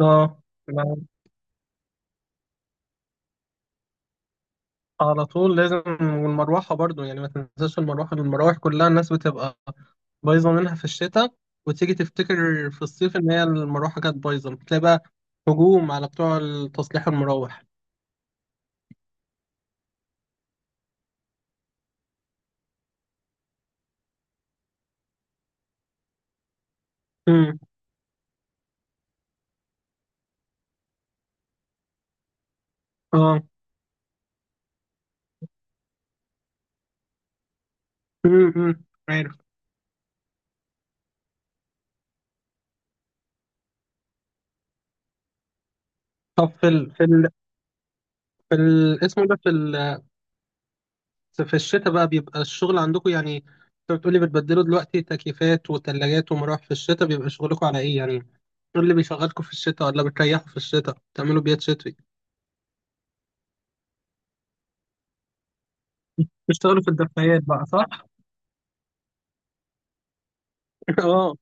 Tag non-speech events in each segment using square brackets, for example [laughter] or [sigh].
اه ما- على طول لازم والمروحة برضو يعني ما تنساش المروحة المراوح كلها الناس بتبقى بايظة منها في الشتاء، وتيجي تفتكر في الصيف ان هي المروحة كانت بايظة بتلاقي بقى هجوم على بتوع تصليح المراوح. امم اه. أمم. عارف. طب في ال... في ال... في ال... اسمه ده في ال... في الشتاء بقى بيبقى الشغل عندكم يعني، انت بتقولي بتبدلوا دلوقتي تكييفات وتلاجات ومراوح، في الشتاء بيبقى شغلكم على ايه؟ يعني ايه اللي بيشغلكم في الشتاء، ولا بتريحوا في الشتاء بتعملوا بيات شتوي؟ بيشتغلوا في الدفايات بقى صح؟ [laughs] اه.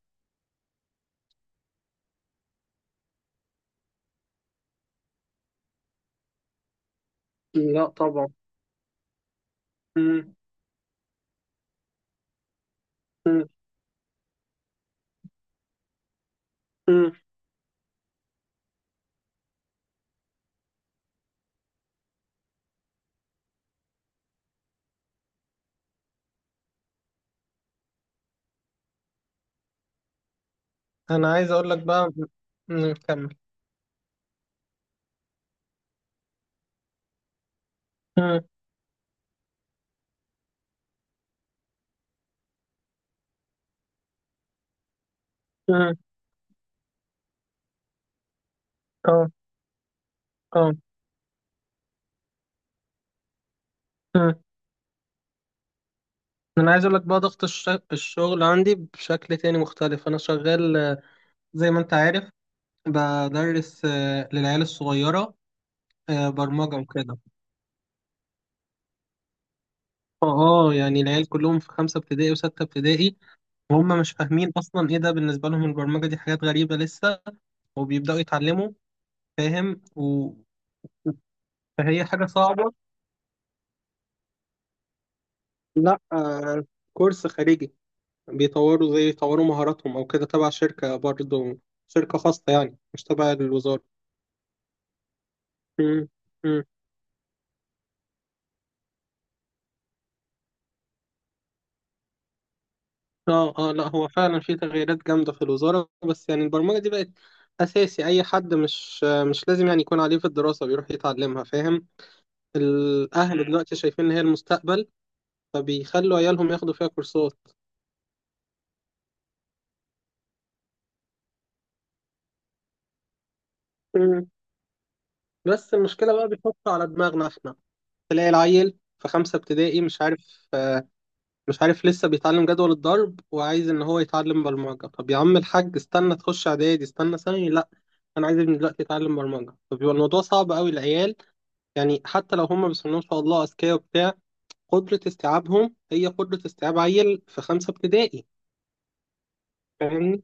لا طبعا. مم. مم. مم. انا عايز اقول لك بقى. كمل. مم، مم، اه اه مم. انا عايز اقول لك بقى ضغط الشغل عندي بشكل تاني مختلف، انا شغال زي ما انت عارف، بدرس للعيال الصغيرة برمجة وكده. اه. يعني العيال كلهم في خمسة ابتدائي وستة ابتدائي، وهم مش فاهمين اصلا ايه ده، بالنسبة لهم البرمجة دي حاجات غريبة لسه وبيبدأوا يتعلموا. فاهم فهي حاجة صعبة. لا كورس خارجي، بيطوروا زي يطوروا مهاراتهم أو كده، تبع شركة برضه، شركة خاصة يعني مش تبع الوزارة. مم. مم. اه اه. لا هو فعلا في تغييرات جامدة في الوزارة، بس يعني البرمجة دي بقت أساسي، أي حد مش لازم يعني يكون عليه في الدراسة بيروح يتعلمها، فاهم. الأهل دلوقتي شايفين إن هي المستقبل، فبيخلوا عيالهم ياخدوا فيها كورسات. مم. بس المشكلة بقى بيحطوا على دماغنا إحنا. تلاقي العيل في خمسة ابتدائي مش عارف، لسه بيتعلم جدول الضرب وعايز ان هو يتعلم برمجة. طب يا عم الحاج استنى تخش اعدادي، استنى ثانوي. لا، انا عايز ابني دلوقتي يتعلم برمجة. طب يبقى الموضوع صعب قوي العيال، يعني حتى لو هم بسم الله ما شاء الله اذكياء وبتاع، قدرة استيعابهم هي قدرة استيعاب عيل في خمسة ابتدائي. فاهمني،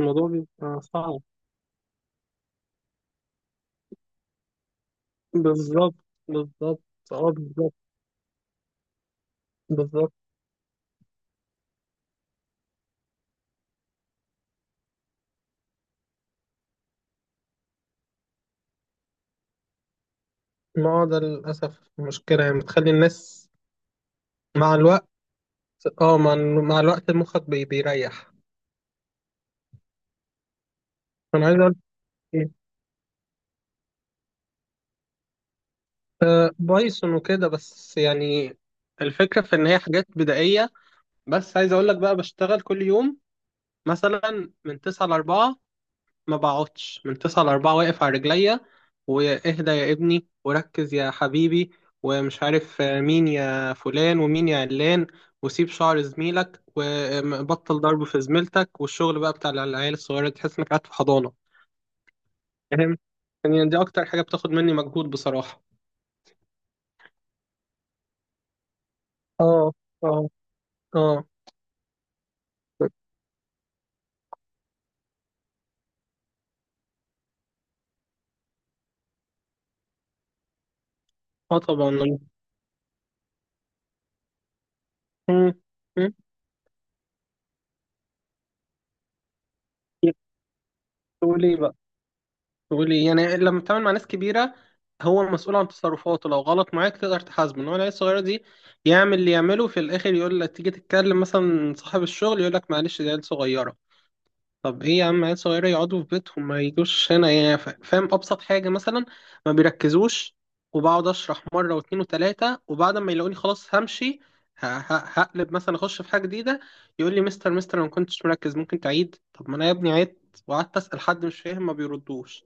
الموضوع بيبقى صعب. بالظبط. بالظبط. اه بالظبط. بالظبط. ما هو ده للأسف مشكلة، يعني بتخلي الناس مع الوقت. اه، مع مع الوقت مخك بيريح. انا عايز اقول بايثون وكده بس، يعني الفكرة في إن هي حاجات بدائية. بس عايز أقول لك بقى، بشتغل كل يوم مثلا من تسعة لأربعة. ما بقعدش من تسعة لأربعة واقف على رجليا، وإهدى يا ابني وركز يا حبيبي، ومش عارف آه، مين يا فلان ومين يا علان، وسيب شعر زميلك وبطل ضرب في زميلتك، والشغل بقى بتاع العيال الصغيرة دي، تحس إنك قاعد في حضانة. فاهم؟ يعني دي أكتر حاجة بتاخد مني مجهود بصراحة. اه اه اه. اه طبعا. مم. مم. تقولي بقى، تقولي يعني لما بتتعامل مع ناس كبيرة، هو مسؤول عن تصرفاته، لو غلط معاك تقدر تحاسبه. انما العيال الصغيرة دي، يعمل اللي يعمله في الآخر يقول لك تيجي تتكلم مثلا صاحب الشغل يقول لك معلش دي عيال صغيرة. طب ايه يا عم عيال صغيرة، يقعدوا في بيتهم ما يجوش هنا يعني. فاهم، ابسط حاجة مثلا ما بيركزوش، وبقعد اشرح مرة واتنين وتلاتة، وبعد ما يلاقوني خلاص همشي، هقلب مثلا اخش في حاجة جديدة، يقول لي مستر مستر انا ما كنتش مركز ممكن تعيد. طب ما انا يا ابني عدت وقعدت اسأل حد مش فاهم ما بيردوش.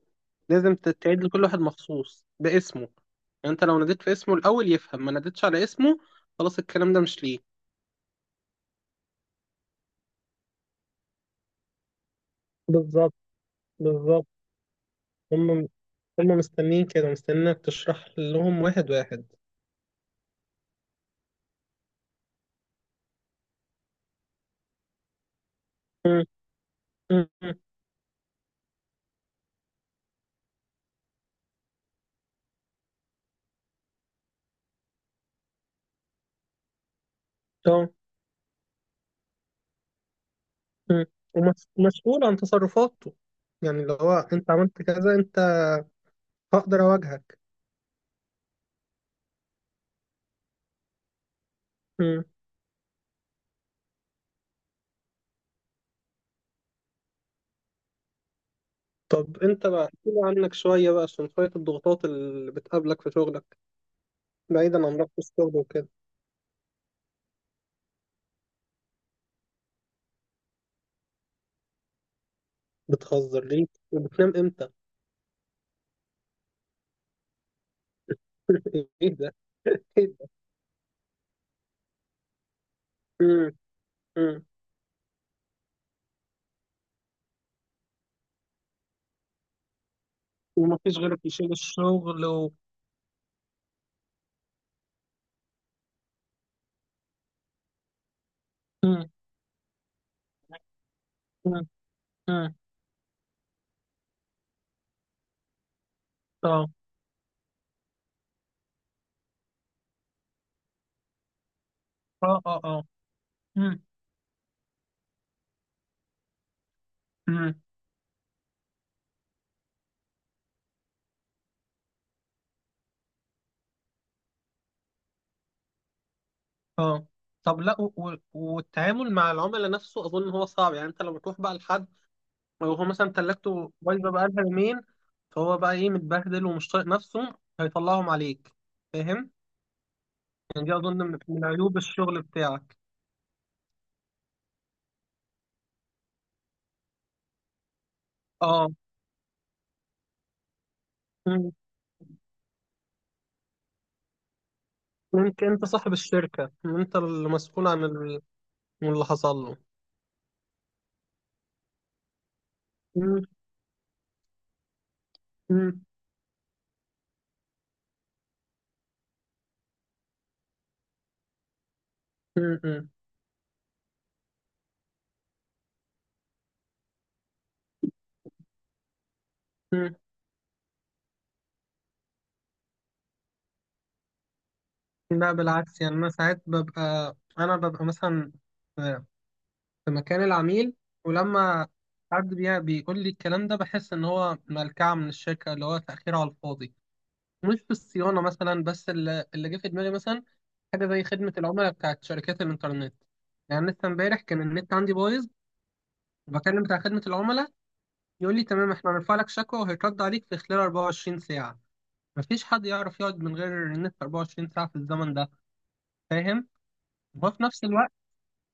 لازم تعيد لكل واحد مخصوص باسمه يعني، انت لو ناديت في اسمه الاول يفهم ما ناديتش على اسمه، خلاص الكلام ده مش ليه. بالظبط. بالظبط. هم هما مستنيين كده، مستنينك تشرح لهم واحد واحد. مم. مم. اه. مم. ومسؤول عن تصرفاته، يعني لو هو انت عملت كذا انت هقدر اواجهك. مم. طب انت بقى احكي لي عنك شوية بقى، عشان شوية الضغوطات اللي بتقابلك في شغلك، بعيدا عن ضغط الشغل وكده. بتهزر ليه؟ وبتنام امتى؟ [laughs] ايه ده؟ ايه ده؟ مم. مم. ومفيش غيرك يشيل الشغل و. مم. مم. مم. اه اه اه اه. مم. مم. اه، طب لا والتعامل مع العملاء نفسه اظن هو صعب، يعني انت لما تروح بقى لحد وهو مثلا تلاجته بايظه بقى لها يومين، فهو بقى ايه متبهدل ومش طايق نفسه هيطلعهم عليك. فاهم؟ يعني دي اظن من من عيوب الشغل بتاعك. اه. مم. انت انت صاحب الشركه، انت اللي مسؤول عن عن اللي حصل له. مم. مم. مم. مم. مم. لا بالعكس، يعني انا ساعات ببقى انا ببقى مثلا في مكان العميل، ولما حد بيقول لي الكلام ده بحس ان هو ملكعة من الشركة، اللي هو تأخير على الفاضي. مش في الصيانة مثلا بس، اللي جه في دماغي مثلا حاجة زي خدمة العملاء بتاعت شركات الإنترنت. يعني لسه امبارح كان النت عندي بايظ، وبكلم بتاع خدمة العملاء، يقول لي تمام احنا هنرفع لك شكوى وهيترد عليك في خلال 24 ساعة. مفيش حد يعرف يقعد من غير النت 24 ساعة في الزمن ده، فاهم؟ وفي نفس الوقت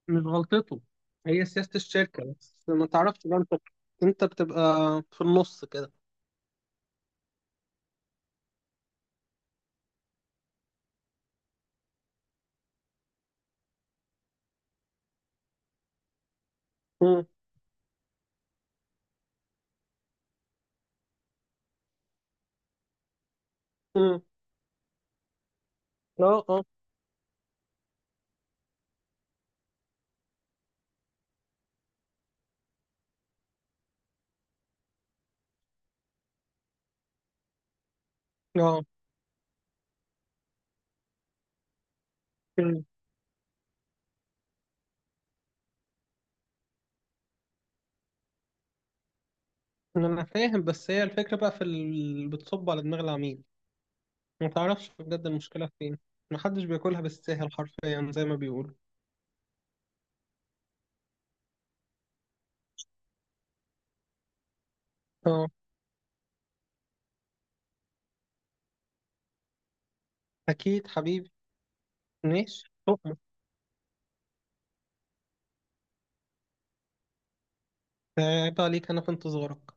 مش غلطته، هي سياسة الشركة، بس ما تعرفش بقى انت. انت بتبقى في النص كده. مم. مم. اه اه اه. مم. انا فاهم، بس هي الفكرة بقى في اللي بتصب على دماغ العميل، ما تعرفش بجد المشكلة فين. محدش بياكلها بالساهل حرفيا زي ما بيقولوا. اه، اكيد حبيبي. ماشي طب. عيب عليك، انا في انتظارك.